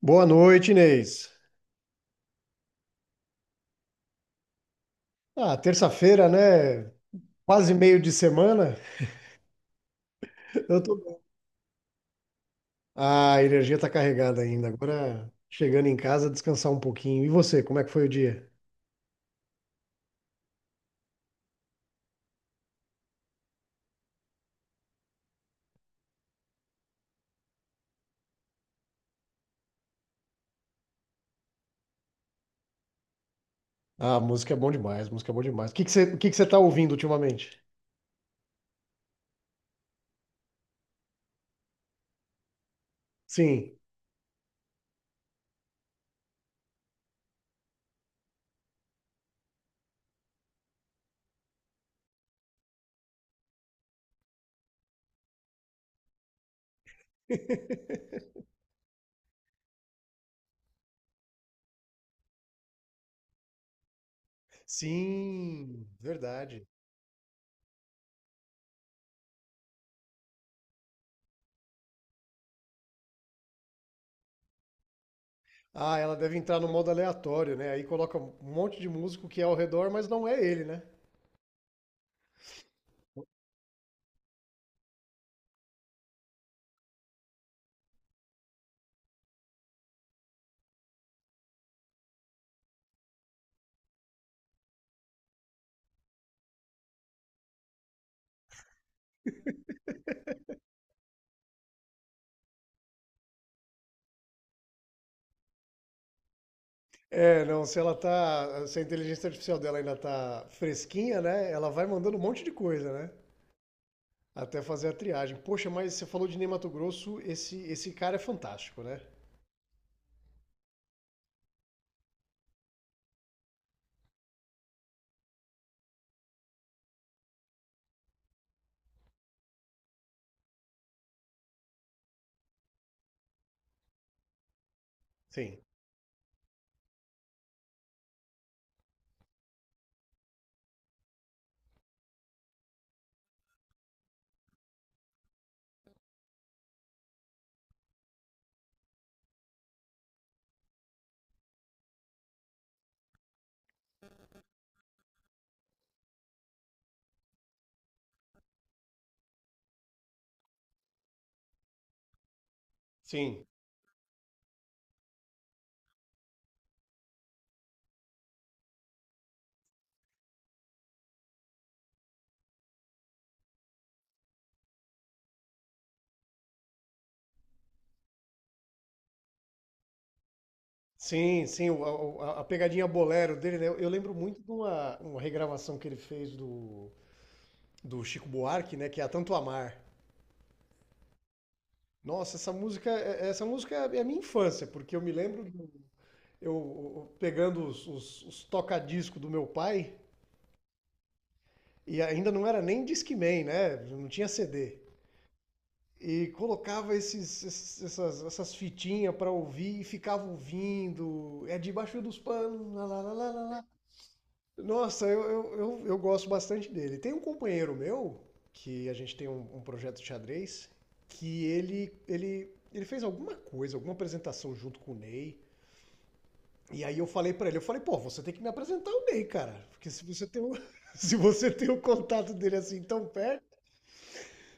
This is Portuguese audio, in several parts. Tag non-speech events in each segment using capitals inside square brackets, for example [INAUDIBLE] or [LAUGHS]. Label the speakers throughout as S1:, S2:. S1: Boa noite, Inês. Ah, terça-feira, né? Quase meio de semana. [LAUGHS] Eu tô bem. Ah, a energia tá carregada ainda. Agora chegando em casa, descansar um pouquinho. E você, como é que foi o dia? Ah, música é bom demais, música é bom demais. O que que você tá ouvindo ultimamente? Sim. [LAUGHS] Sim, verdade. Ah, ela deve entrar no modo aleatório, né? Aí coloca um monte de músico que é ao redor, mas não é ele, né? É, não, se ela tá, se a inteligência artificial dela ainda tá fresquinha, né? Ela vai mandando um monte de coisa, né? Até fazer a triagem. Poxa, mas você falou de Ney Matogrosso, esse cara é fantástico, né? Sim. Sim. Sim, sim, a pegadinha bolero dele, né? Eu lembro muito de uma regravação que ele fez do Chico Buarque, né? Que é a Tanto Amar. Nossa, essa música, essa música é a minha infância, porque eu me lembro eu, eu pegando os toca-disco do meu pai. E ainda não era nem Discman, né? Não tinha CD. E colocava essas fitinhas para ouvir e ficava ouvindo. É debaixo dos panos. Lá, lá, lá, lá, lá. Nossa, eu gosto bastante dele. Tem um companheiro meu, que a gente tem um projeto de xadrez, que ele fez alguma coisa, alguma apresentação junto com o Ney. E aí eu falei pra ele, eu falei, pô, você tem que me apresentar o Ney, cara. Porque se você tem o, [LAUGHS] se você tem o contato dele assim tão perto,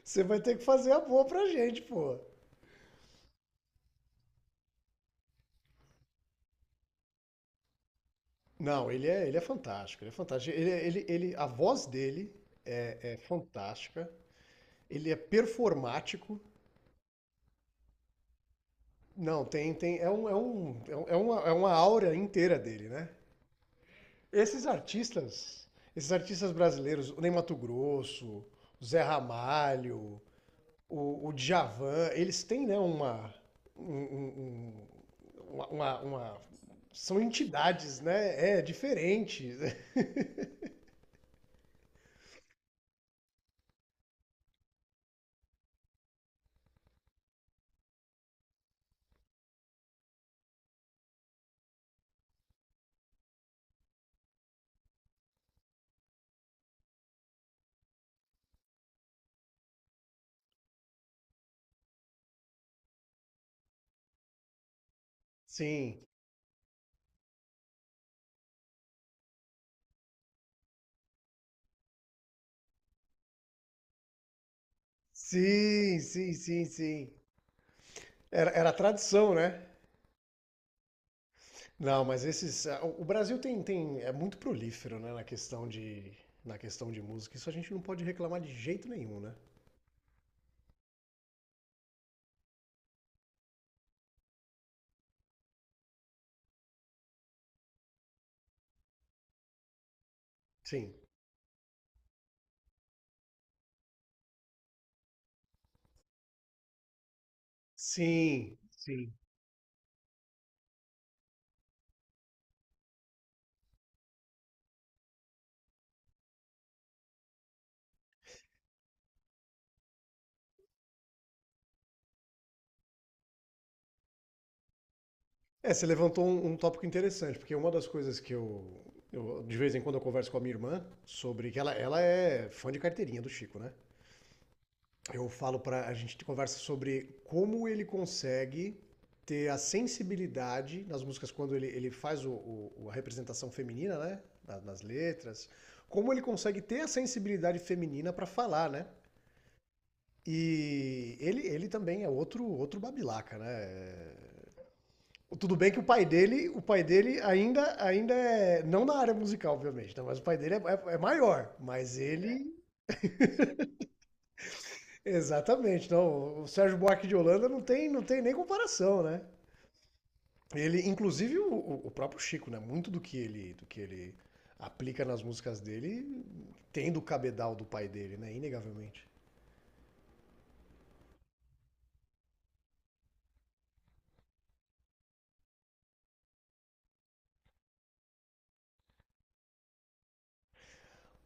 S1: você vai ter que fazer a boa pra gente, pô. Não, ele é fantástico, ele é fantástico. A voz dele é fantástica. Ele é performático. Não, tem, tem, é um, é um, é um- é uma aura inteira dele, né? Esses artistas, esses artistas brasileiros, o Ney Matogrosso, o Zé Ramalho, o Djavan, eles têm, né, uma, um- um- um, uma- São entidades, né? É, diferentes. [LAUGHS] Sim. Sim, sim, sim, sim. Era a tradição, né? Não, mas esses. Ah, O o Brasil é muito prolífero, né, na questão de música. Isso a gente não pode reclamar de jeito nenhum, né? Sim. Sim, sim. É, você levantou um tópico interessante, porque uma das coisas que de vez em quando eu converso com a minha irmã sobre que ela é fã de carteirinha do Chico, né? Eu falo pra a gente conversa sobre como ele consegue ter a sensibilidade nas músicas quando ele faz a representação feminina, né? Nas letras, como ele consegue ter a sensibilidade feminina pra falar, né? E ele também é outro babilaca, né? Tudo bem que o pai dele ainda é, não na área musical, obviamente, né? Mas o pai dele é maior, mas ele, exatamente, não, o Sérgio Buarque de Holanda não tem nem comparação, né? Ele, inclusive o próprio Chico, né? Muito do que ele aplica nas músicas dele tem do cabedal do pai dele, né? Inegavelmente.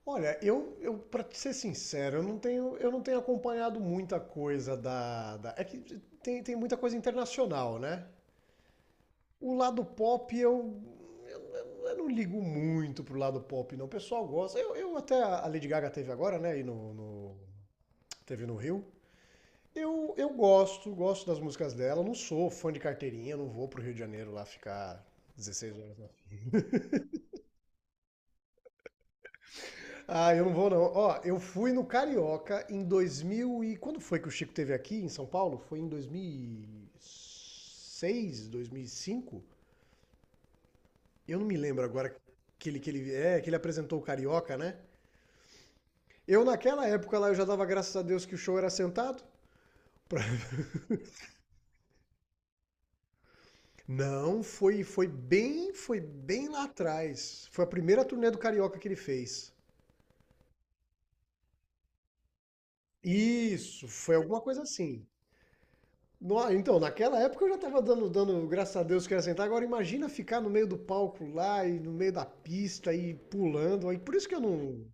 S1: Olha, eu para ser sincero, eu não tenho acompanhado muita coisa é que tem muita coisa internacional, né? O lado pop eu não ligo muito pro lado pop, não. O pessoal gosta. Eu até a Lady Gaga teve agora, né? Aí teve no Rio. Eu gosto das músicas dela. Não sou fã de carteirinha, não vou pro Rio de Janeiro lá ficar 16 horas. Não. Ah, eu não vou não. Ó, eu fui no Carioca em 2000 e quando foi que o Chico teve aqui em São Paulo? Foi em 2006, cinco. Eu não me lembro agora, que ele apresentou o Carioca, né? Eu naquela época lá eu já dava graças a Deus que o show era sentado. Pra- Não, foi bem lá atrás. Foi a primeira turnê do Carioca que ele fez. Isso, foi alguma coisa assim. Então, naquela época eu já tava dando graças a Deus que era sentar. Agora imagina ficar no meio do palco lá e no meio da pista e pulando. Aí por isso que eu não.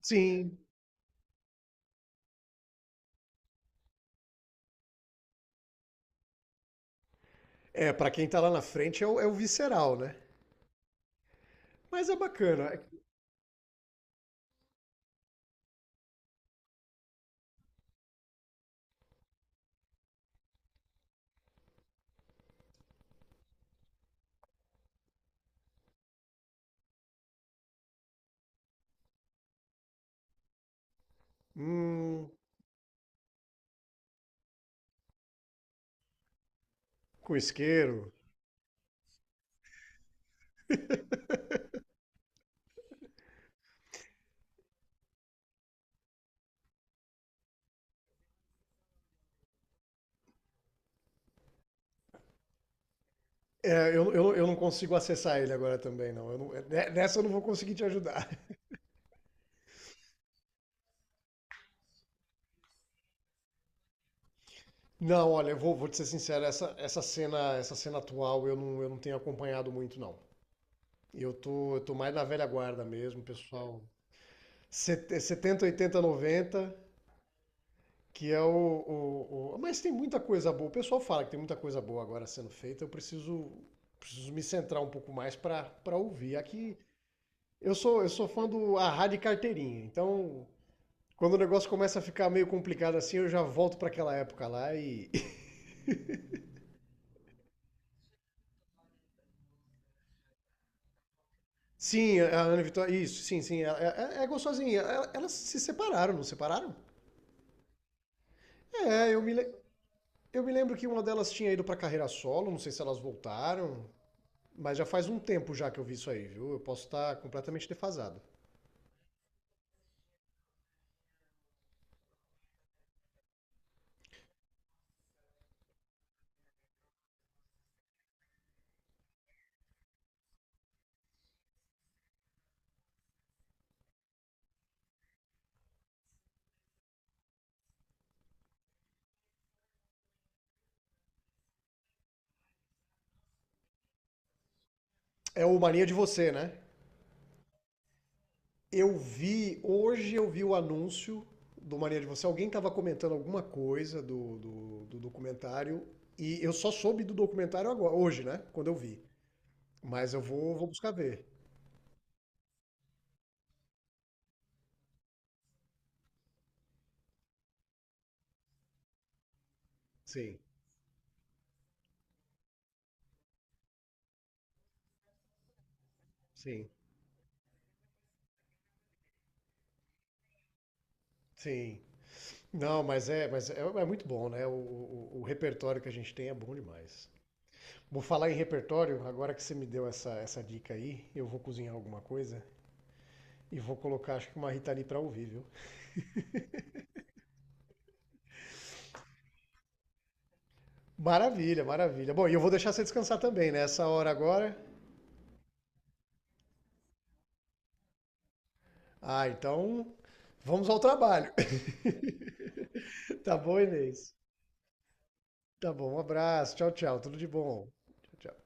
S1: Sim. É, pra quem tá lá na frente é o visceral, né? Mas é bacana. Hum, com isqueiro. É, eu não consigo acessar ele agora também, não. Eu não- ne- Nessa eu não vou conseguir te ajudar. [LAUGHS] Não, olha, eu vou te ser sincero, essa cena atual eu não tenho acompanhado muito, não. Eu tô mais na velha guarda mesmo, pessoal. 70, 80, 90. Que é o- Mas tem muita coisa boa. O pessoal fala que tem muita coisa boa agora sendo feita. Eu preciso me centrar um pouco mais pra ouvir. Aqui eu sou fã do a rádio carteirinha, então quando o negócio começa a ficar meio complicado assim, eu já volto pra aquela época lá e. [LAUGHS] Sim, a Ana Vitória. Isso, sim, sim. É gostosinha. Elas se separaram, não separaram? É, eu me lembro que uma delas tinha ido pra carreira solo, não sei se elas voltaram. Mas já faz um tempo já que eu vi isso aí, viu? Eu posso estar completamente defasado. É o Mania de Você, né? Hoje eu vi o anúncio do Mania de Você. Alguém estava comentando alguma coisa do documentário e eu só soube do documentário agora, hoje, né? Quando eu vi. Mas eu vou buscar ver. Sim, sim, sim. Não, é muito bom, né? O repertório que a gente tem é bom demais. Vou falar em repertório, agora que você me deu essa dica aí, eu vou cozinhar alguma coisa e vou colocar, acho que uma Rita Lee pra ouvir, viu? Maravilha, maravilha. Bom, e eu vou deixar você descansar também, né? Essa hora agora. Ah, então vamos ao trabalho. [LAUGHS] Tá bom, Inês? Tá bom, um abraço. Tchau, tchau. Tudo de bom. Tchau, tchau.